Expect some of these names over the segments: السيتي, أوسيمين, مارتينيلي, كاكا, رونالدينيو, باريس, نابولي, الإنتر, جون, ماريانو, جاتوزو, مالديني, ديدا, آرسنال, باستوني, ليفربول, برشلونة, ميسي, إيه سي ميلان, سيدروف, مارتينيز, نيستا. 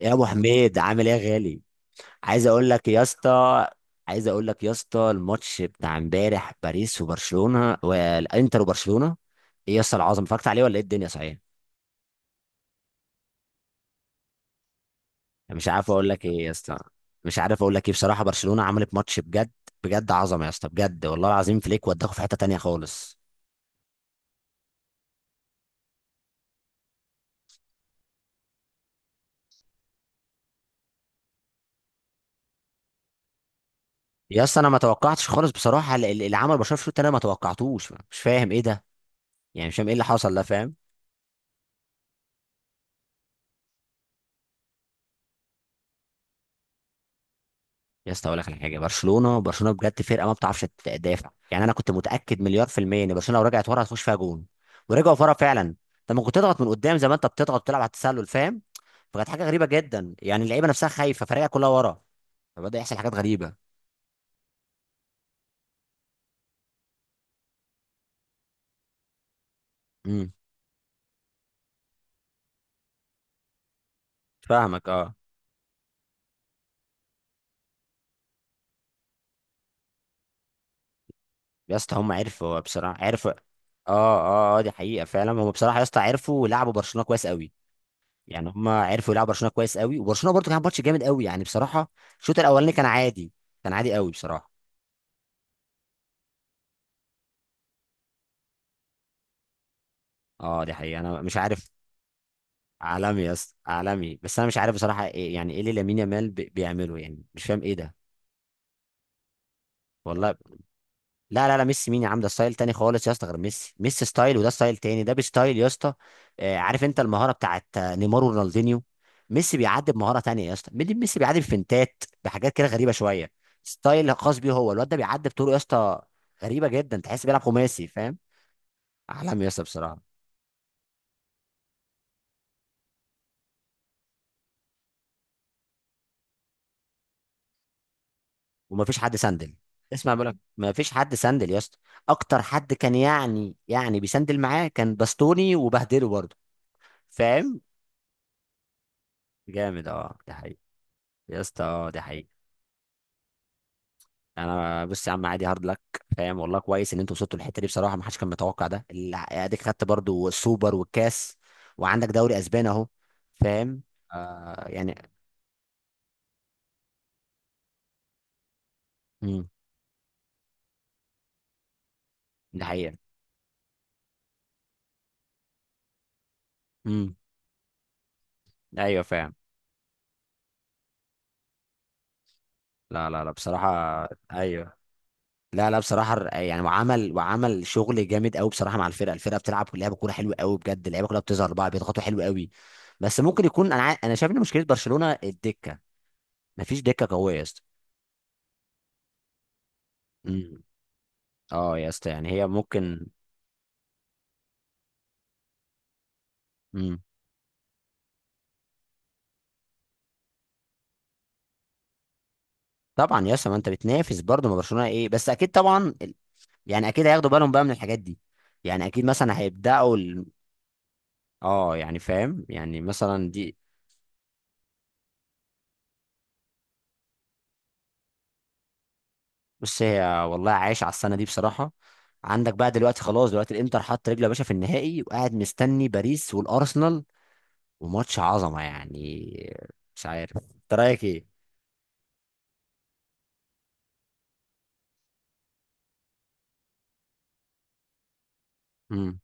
يا ابو حميد، عامل ايه يا غالي؟ عايز اقول لك يا اسطى. عايز اقول لك يا اسطى، الماتش بتاع امبارح، باريس وبرشلونه والانتر وبرشلونه، ايه يا اسطى العظمه؟ اتفرجت عليه ولا ايه الدنيا صحيح؟ مش عارف اقول لك ايه يا اسطى. مش عارف اقول لك ايه، بصراحه برشلونه عملت ماتش بجد. بجد عظمه يا اسطى، بجد والله العظيم. فليك وداكوا في حته تانية خالص. يا اسطى انا ما توقعتش خالص، بصراحه اللي عمل برشلونه في الشوط التاني أنا ما توقعتوش، مش فاهم ايه ده. يعني مش فاهم ايه اللي حصل ده، فاهم؟ يا اسطى اقول لك على حاجه، برشلونه بجد فرقه ما بتعرفش تدافع. يعني انا كنت متاكد مليار في الميه ان برشلونه لو رجعت ورا هتخش فيها جون. ورجعوا ورا فعلا. انت ممكن تضغط من قدام زي ما انت بتضغط، بتلعب على التسلل، فاهم؟ فكانت حاجه غريبه جدا، يعني اللعيبه نفسها خايفه، فريقها كلها ورا. فبدا يحصل حاجات غريبه. امم. فاهمك اه. يا اسطى هم عرفوا بصراحه، عرفوا اه. اه اه، دي حقيقه فعلا. هم بصراحه يا اسطى عرفوا يلعبوا برشلونه كويس قوي. يعني هم عرفوا يلعبوا برشلونه كويس قوي. وبرشلونه برضو كان ماتش جامد قوي، يعني بصراحه. الشوط الاولاني كان عادي، كان عادي قوي بصراحه. اه، دي حقيقة انا مش عارف. عالمي يا اسطى، عالمي. بس انا مش عارف بصراحة إيه يعني ايه اللي لامين يامال بيعمله، يعني مش فاهم ايه ده. والله، لا لا لا، ميسي مين يا عم؟ ده ستايل تاني خالص يا اسطى. غير ميسي، ميسي ستايل، وده ستايل تاني، ده بستايل يا اسطى. عارف انت المهارة بتاعت نيمار ورونالدينيو. ميسي بيعدي بمهارة تانية يا اسطى، ميسي بيعدي بفنتات، بحاجات كده غريبة شوية. ستايل خاص بيه هو. الواد ده بيعدي بطرق يا اسطى غريبة جدا، تحس بيلعب خماسي، فاهم؟ عالمي يا اسطى بصراحة. وما فيش حد سندل. اسمع، بقولك ما فيش حد سندل يا اسطى. اكتر حد كان يعني بيسندل معاه كان باستوني، وبهدله برضه، فاهم؟ جامد اه، ده حقيقي. يا اسطى اه، ده حقيقي. انا بص يا عم، عادي، هارد لك. فاهم والله. كويس ان انتوا وصلتوا للحته دي بصراحه، ما حدش كان متوقع. ده اديك خدت برضه السوبر والكاس، وعندك دوري اسباني اهو، فاهم؟ آه يعني. امم. ده حقيقي. امم. ايوه فاهم. لا لا لا، بصراحه. ايوه. لا لا بصراحه، يعني وعمل شغل جامد قوي بصراحه مع الفرقه بتلعب لعبه كوره حلوه قوي بجد. اللعيبه كلها بتظهر بقى، بيضغطوا حلو قوي. بس ممكن يكون انا انا شايف ان مشكله برشلونه الدكه. مفيش دكه قويه يا اسطى. امم. اه يا اسطى يعني هي ممكن. امم. طبعا يا اسطى، ما انت بتنافس برضه، ما برشلونه ايه؟ بس اكيد طبعا يعني اكيد هياخدوا بالهم بقى من الحاجات دي. يعني اكيد مثلا هيبداوا اه يعني فاهم، يعني مثلا دي. بص هي، والله عايش على السنه دي بصراحه. عندك بقى دلوقتي خلاص، دلوقتي الانتر حط رجله يا باشا في النهائي، وقاعد مستني باريس والارسنال، وماتش عظمه يعني. مش عارف انت رايك ايه. امم.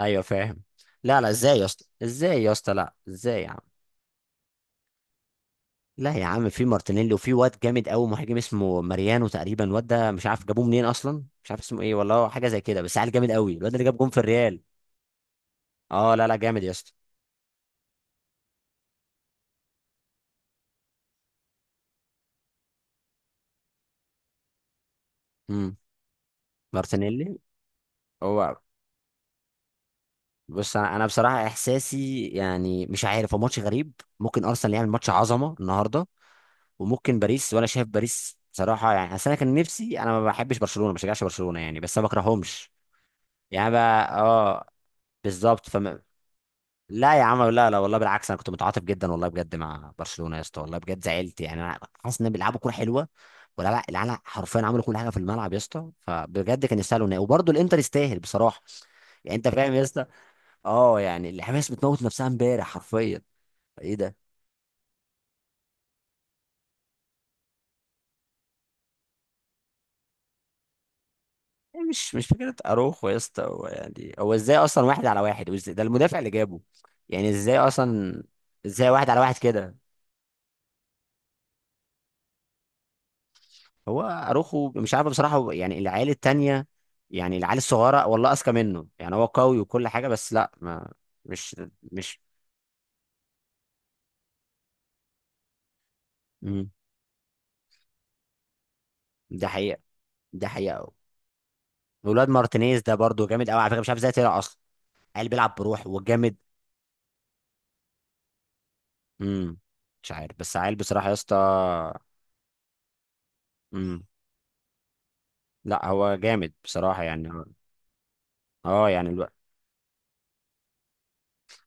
ايوه فاهم. لا لا، ازاي يا اسطى؟ ازاي يا اسطى؟ لا، ازاي يا عم؟ لا يا عم، في مارتينيلي، وفي واد جامد قوي مهاجم اسمه ماريانو تقريبا. الواد ده مش عارف جابوه منين اصلا، مش عارف اسمه ايه والله، هو حاجه زي كده. بس عيل جامد قوي، الواد اللي جاب جون في الريال. اه لا لا، جامد يا اسطى. امم. مارتينيلي، هو. بص انا بصراحه احساسي يعني مش عارف، هو ماتش غريب. ممكن ارسنال يعمل ماتش عظمه النهارده، وممكن باريس. ولا شايف باريس بصراحه يعني. اصل انا كان نفسي، انا ما بحبش برشلونه، ما بشجعش برشلونه يعني، بس انا ما بكرههمش. يعني بقى اه. بالظبط لا يا عم، لا لا والله بالعكس، انا كنت متعاطف جدا والله بجد مع برشلونه يا اسطى. والله بجد زعلت يعني انا، حاسس ان بيلعبوا كوره حلوه. ولا لا، العيال حرفيا عملوا كل حاجه في الملعب يا اسطى، فبجد كان يستاهلوا وبرضه الانتر يستاهل بصراحه. يعني انت فاهم يا اسطى؟ اه يعني، الحماس بتموت نفسها امبارح حرفيا. ايه ده. إيه، مش فكره اروخو يا اسطى. هو يعني هو ازاي اصلا واحد على واحد، وازاي ده المدافع اللي جابه؟ يعني ازاي اصلا؟ ازاي واحد على واحد كده؟ هو اروخو مش عارف بصراحه هو، يعني العيال التانية، يعني العيال الصغيره والله اذكى منه يعني. هو قوي وكل حاجه بس لا ما، مش مش. مم. ده حقيقه. ده حقيقه أوي. ولاد مارتينيز ده برضو جامد قوي على فكره، مش عارف ازاي طلع اصلا. عيل بيلعب بروح وجامد. امم. مش عارف، بس عيل بصراحه يا اسطى. امم. لا هو جامد بصراحة يعني. اه يعني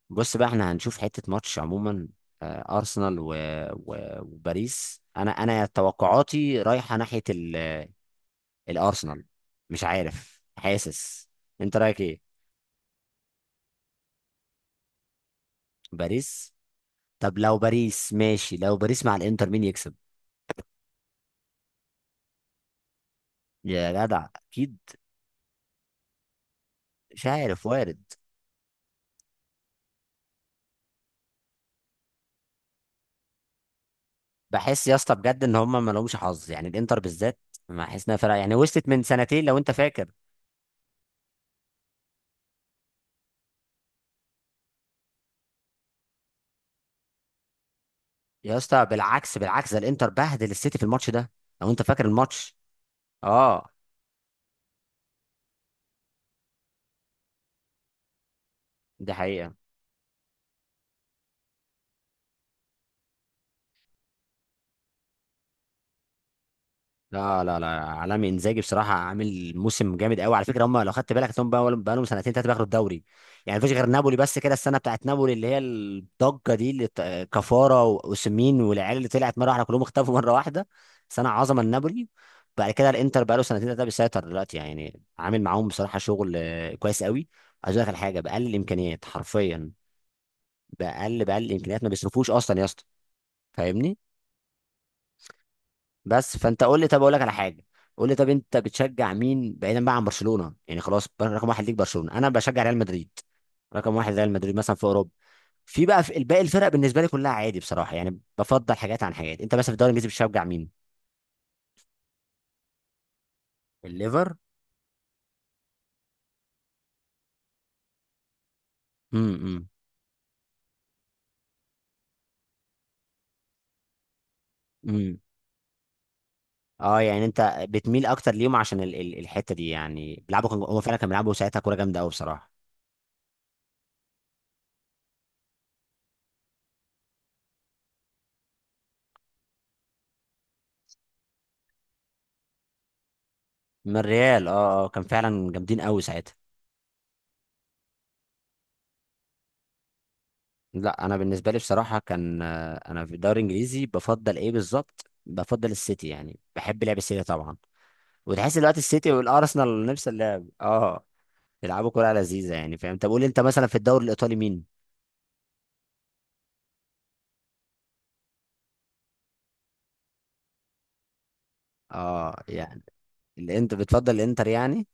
بص بقى، احنا هنشوف حتة ماتش عموما. أرسنال وباريس. أنا توقعاتي رايحة ناحية الأرسنال. مش عارف، حاسس. أنت رأيك إيه؟ باريس. طب لو باريس ماشي، لو باريس مع الإنتر مين يكسب؟ يا جدع أكيد. مش عارف، وارد. بحس يا اسطى بجد إن هما ما لهمش حظ يعني، الإنتر بالذات. ما حاسس إنها فرقة يعني، وصلت من سنتين لو أنت فاكر. يا اسطى بالعكس، بالعكس، ده الانتر بهدل السيتي في الماتش ده، لو انت فاكر الماتش. اه. دي حقيقه. لا لا لا، عالمي انزاجي بصراحه، عامل موسم جامد قوي على فكره. هم لو خدت بالك هم بقى لهم سنتين ثلاثه بياخدوا الدوري. يعني مفيش غير نابولي بس كده، السنه بتاعت نابولي اللي هي الضجه دي اللي كفاره واوسيمين والعيال اللي طلعت مره واحده، كلهم اختفوا مره واحده. سنه عظمه لنابولي. بعد كده الانتر بقى له سنتين ثلاثه بيسيطر دلوقتي، يعني عامل معاهم بصراحه شغل كويس قوي. عايز اقول لك على حاجه، باقل الامكانيات حرفيا. باقل الامكانيات، ما بيصرفوش اصلا يا اسطى، فاهمني؟ بس فانت قول لي، طب اقول لك على حاجه، قول لي، طب انت بتشجع مين بعيدا بقى عن برشلونه؟ يعني خلاص رقم واحد ليك برشلونه. انا بشجع ريال مدريد. رقم واحد ريال مدريد مثلا في اوروبا. في بقى في باقي الفرق بالنسبه لي كلها عادي بصراحه، يعني بفضل حاجات عن حاجات. انت مثلا في الدوري الانجليزي بتشجع مين؟ الليفر. امم. امم. اه يعني انت بتميل اكتر ليهم عشان ال ال الحته دي. يعني بيلعبوا، كان هو فعلا كان بيلعبوا ساعتها كوره جامده قوي بصراحه. من الريال. اه اه، كان فعلا جامدين قوي ساعتها. لا انا بالنسبه لي بصراحه كان انا في الدوري الانجليزي بفضل ايه بالظبط، بفضل السيتي يعني، بحب لعب السيتي طبعا. وتحس دلوقتي السيتي والارسنال نفس اللعب اه. بيلعبوا كوره لذيذه يعني، فاهم؟ طب قول لي انت مثلا في الدوري الايطالي مين؟ اه يعني اللي انت بتفضل الانتر يعني.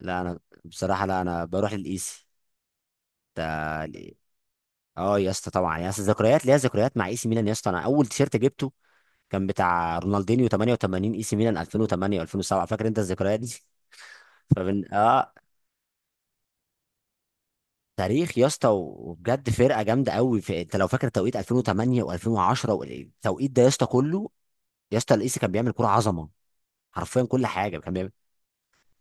لا انا بصراحه، لا انا بروح للايسي ده. اه يا اسطى طبعا يا اسطى، ذكريات ليا ذكريات مع اي سي ميلان يا اسطى. انا اول تيشيرت جبته كان بتاع رونالدينيو 88 اي سي ميلان 2008 و2007، فاكر انت الذكريات دي؟ فمن اه. تاريخ يا اسطى، وبجد فرقه جامده قوي في، انت لو فاكر توقيت 2008 و2010 والتوقيت ده يا اسطى كله. يا اسطى القيسي كان بيعمل كوره عظمه، حرفيا كل حاجه كان بيعمل.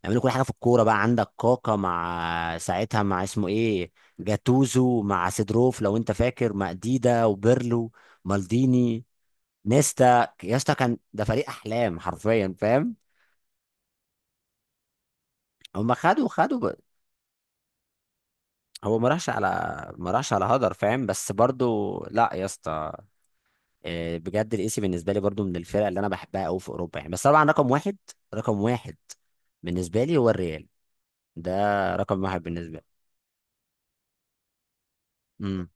بيعملوا كل حاجه في الكوره. بقى عندك كاكا مع ساعتها مع اسمه ايه، جاتوزو مع سيدروف لو انت فاكر، مع ديدا وبيرلو، مالديني، نيستا يا اسطى. كان ده فريق احلام حرفيا، فاهم؟ هم خدوا هو ما راحش على، ما راحش على هدر، فاهم؟ بس برضو لا يا اسطى، بجد الاسي بالنسبه لي برضو من الفرق اللي انا بحبها قوي في اوروبا يعني. بس طبعا رقم واحد، رقم واحد بالنسبه لي هو الريال ده، رقم واحد بالنسبه لي. امم.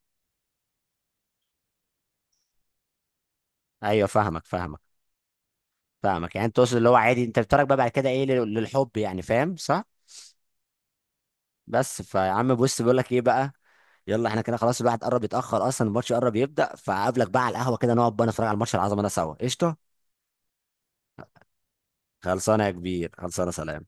ايوه فاهمك فاهمك فاهمك. يعني انت تقصد اللي هو عادي، انت بتتفرج بقى بعد كده ايه للحب يعني، فاهم صح؟ بس فيا عم بص، بيقول لك ايه بقى، يلا احنا كده خلاص، الواحد قرب يتاخر اصلا، الماتش قرب يبدا، فقابلك بقى على القهوه كده، نقعد بقى نتفرج على الماتش العظمه ده سوا قشطه. خلصانه يا كبير، خلصانه، سلام.